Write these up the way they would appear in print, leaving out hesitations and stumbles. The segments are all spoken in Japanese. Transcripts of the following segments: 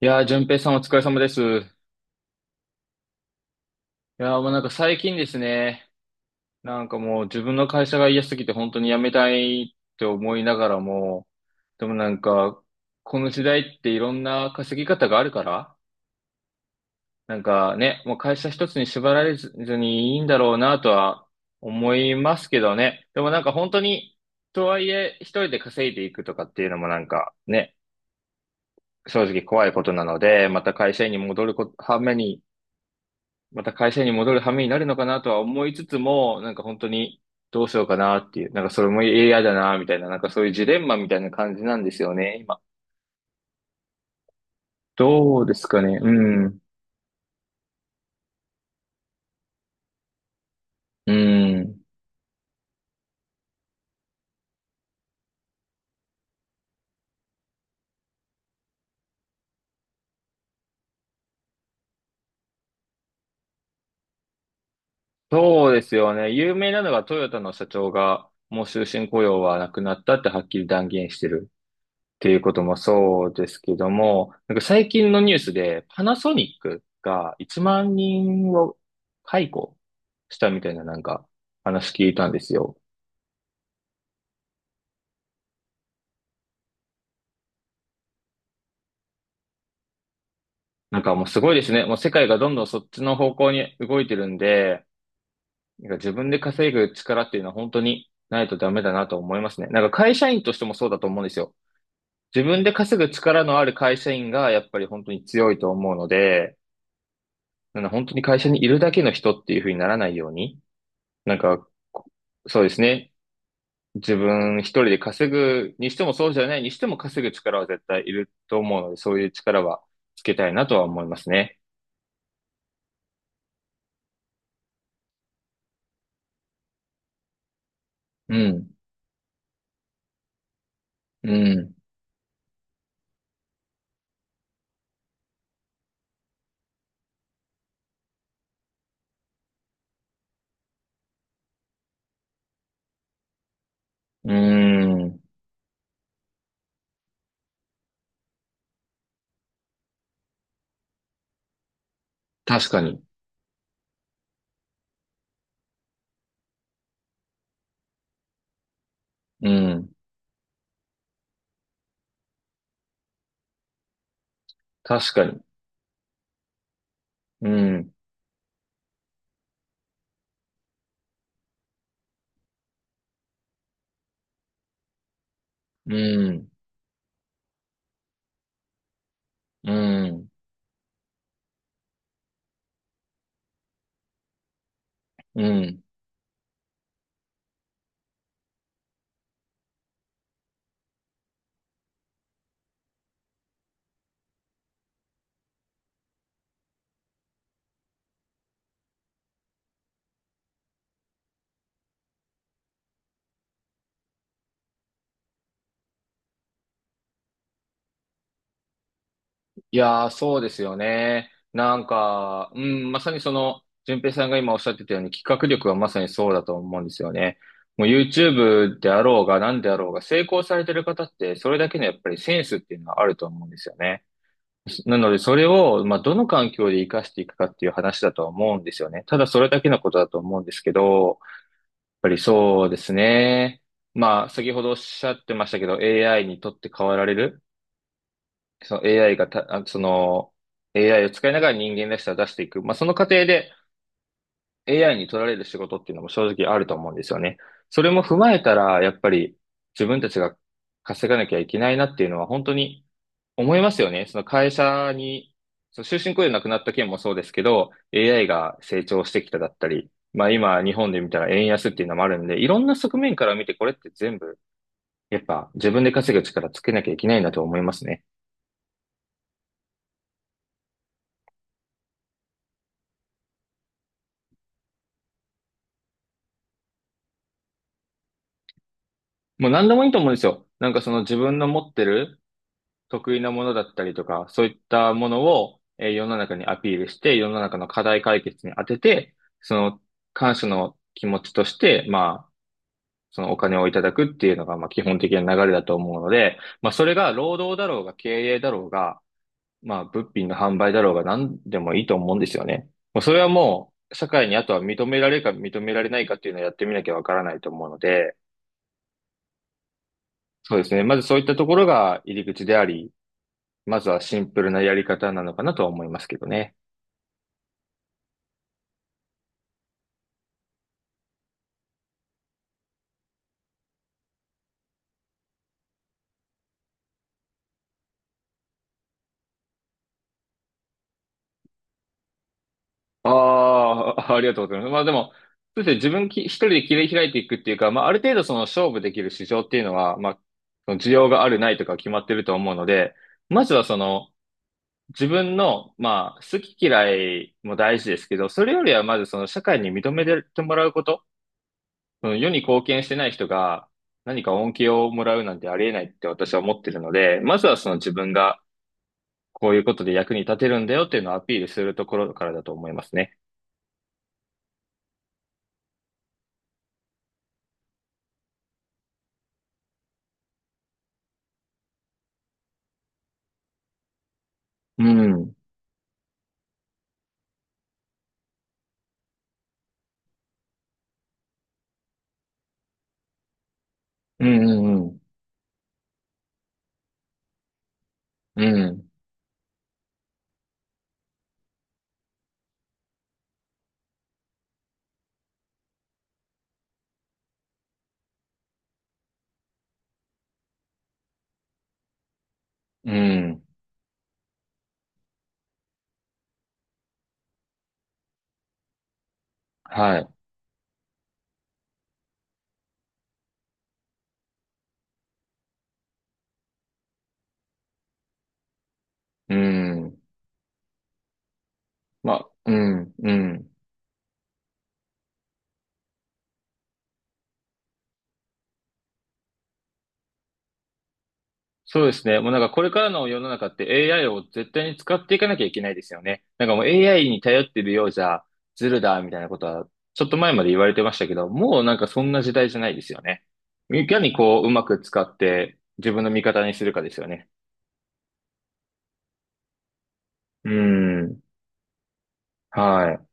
淳平さんお疲れ様です。いやー、もうなんか最近ですね、もう自分の会社が嫌すぎて本当に辞めたいって思いながらも、でもなんか、この時代っていろんな稼ぎ方があるから、もう会社一つに縛られずにいいんだろうなとは思いますけどね。でもなんか本当に、とはいえ一人で稼いでいくとかっていうのも正直怖いことなので、また会社員に戻るこ、はめに、また会社に戻る羽目になるのかなとは思いつつも、なんか本当にどうしようかなっていう、なんかそれも嫌だなみたいな、なんかそういうジレンマみたいな感じなんですよね、今。どうですかね。うん。うん。そうですよね。有名なのがトヨタの社長が、もう終身雇用はなくなったってはっきり断言してるっていうこともそうですけども、なんか最近のニュースでパナソニックが1万人を解雇したみたいな話聞いたんですよ。なんかもうすごいですね。もう世界がどんどんそっちの方向に動いてるんで、なんか自分で稼ぐ力っていうのは本当にないとダメだなと思いますね。なんか会社員としてもそうだと思うんですよ。自分で稼ぐ力のある会社員がやっぱり本当に強いと思うので、なんか本当に会社にいるだけの人っていう風にならないように、なんか、そうですね。自分一人で稼ぐにしてもそうじゃないにしても稼ぐ力は絶対いると思うので、そういう力はつけたいなとは思いますね。うん。うん。うーん。確かに。うん。確かに。うん。うん。うん。うん。そうですよね。まさにその、淳平さんが今おっしゃってたように、企画力はまさにそうだと思うんですよね。もう YouTube であろうが何であろうが、成功されてる方って、それだけのやっぱりセンスっていうのはあると思うんですよね。なので、それを、まあ、どの環境で活かしていくかっていう話だとは思うんですよね。ただ、それだけのことだと思うんですけど、ぱりそうですね。まあ、先ほどおっしゃってましたけど、AI にとって変わられる、その AI がた、あその、AI を使いながら人間らしさを出していく。まあ、その過程で、AI に取られる仕事っていうのも正直あると思うんですよね。それも踏まえたら、やっぱり自分たちが稼がなきゃいけないなっていうのは本当に思いますよね。その会社に、その終身雇用なくなった件もそうですけど、AI が成長してきただったり、まあ今日本で見たら円安っていうのもあるんで、いろんな側面から見てこれって全部、やっぱ自分で稼ぐ力つけなきゃいけないなと思いますね。もう何でもいいと思うんですよ。なんかその自分の持ってる得意なものだったりとか、そういったものを、世の中にアピールして、世の中の課題解決に当てて、その感謝の気持ちとして、まあ、そのお金をいただくっていうのが、まあ、基本的な流れだと思うので、まあ、それが労働だろうが経営だろうが、まあ、物品の販売だろうが何でもいいと思うんですよね。もうそれはもう、社会にあとは認められるか認められないかっていうのをやってみなきゃわからないと思うので、そうですね。まずそういったところが入り口であり、まずはシンプルなやり方なのかなとは思いますけどね。ああ、ありがとうございます。まあでも、そうですね、自分き一人で切り開いていくっていうか、まあある程度その勝負できる市場っていうのは、まあ、その需要があるないとか決まってると思うので、まずはその自分の、まあ好き嫌いも大事ですけど、それよりはまずその社会に認めてもらうこと、その世に貢献してない人が何か恩恵をもらうなんてありえないって私は思ってるので、まずはその自分がこういうことで役に立てるんだよっていうのをアピールするところからだと思いますね。うん。うん、うん、うん。うん、うん。はい。うん。まあ、うん、うん。そうですね。もうなんかこれからの世の中って AI を絶対に使っていかなきゃいけないですよね。なんかもう AI に頼ってるようじゃずるだみたいなことはちょっと前まで言われてましたけど、もうなんかそんな時代じゃないですよね。いかにこううまく使って自分の味方にするかですよね。うん。はい。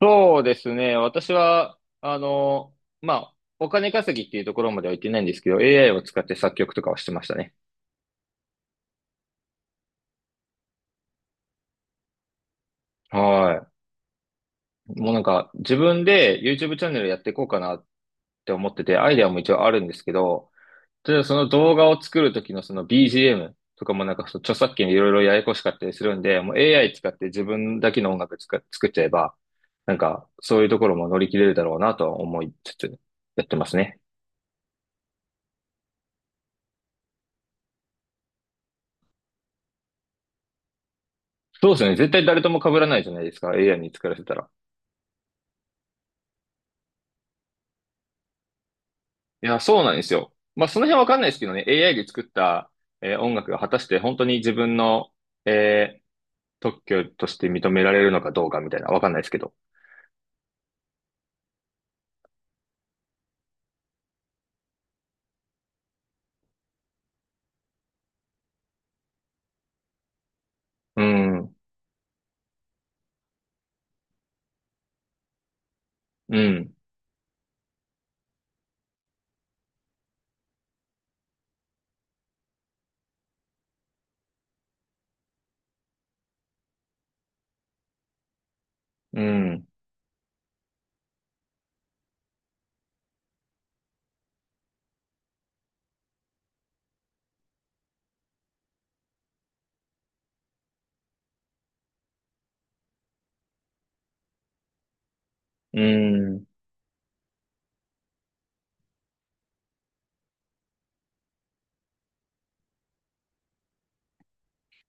そうですね。私は、あの、まあ、お金稼ぎっていうところまでは行ってないんですけど、AI を使って作曲とかはしてましたね。はい。もうなんか、自分で YouTube チャンネルやっていこうかなって思ってて、アイデアも一応あるんですけど、例えばその動画を作る時のその BGM とかもなんかその著作権でいろいろややこしかったりするんで、もう AI 使って自分だけの音楽作っちゃえば、そういうところも乗り切れるだろうなとは思いつつ、やってますね。そうですね。絶対誰とも被らないじゃないですか。AI に作らせたら。いや、そうなんですよ。まあ、その辺わかんないですけどね。AI で作った、えー音楽が果たして本当に自分の、えー特許として認められるのかどうかみたいな。わかんないですけど。うん、うん、うん、うん。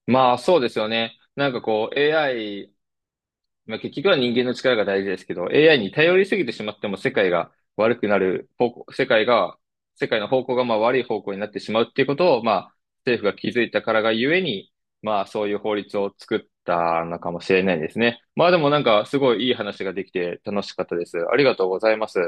まあ、そうですよね。まあ、結局は人間の力が大事ですけど、AI に頼りすぎてしまっても世界が悪くなる方向、世界が、世界の方向がまあ悪い方向になってしまうっていうことを、まあ、政府が気づいたからがゆえに、まあ、そういう法律を作ったのかもしれないですね。まあ、でもなんか、すごいいい話ができて楽しかったです。ありがとうございます。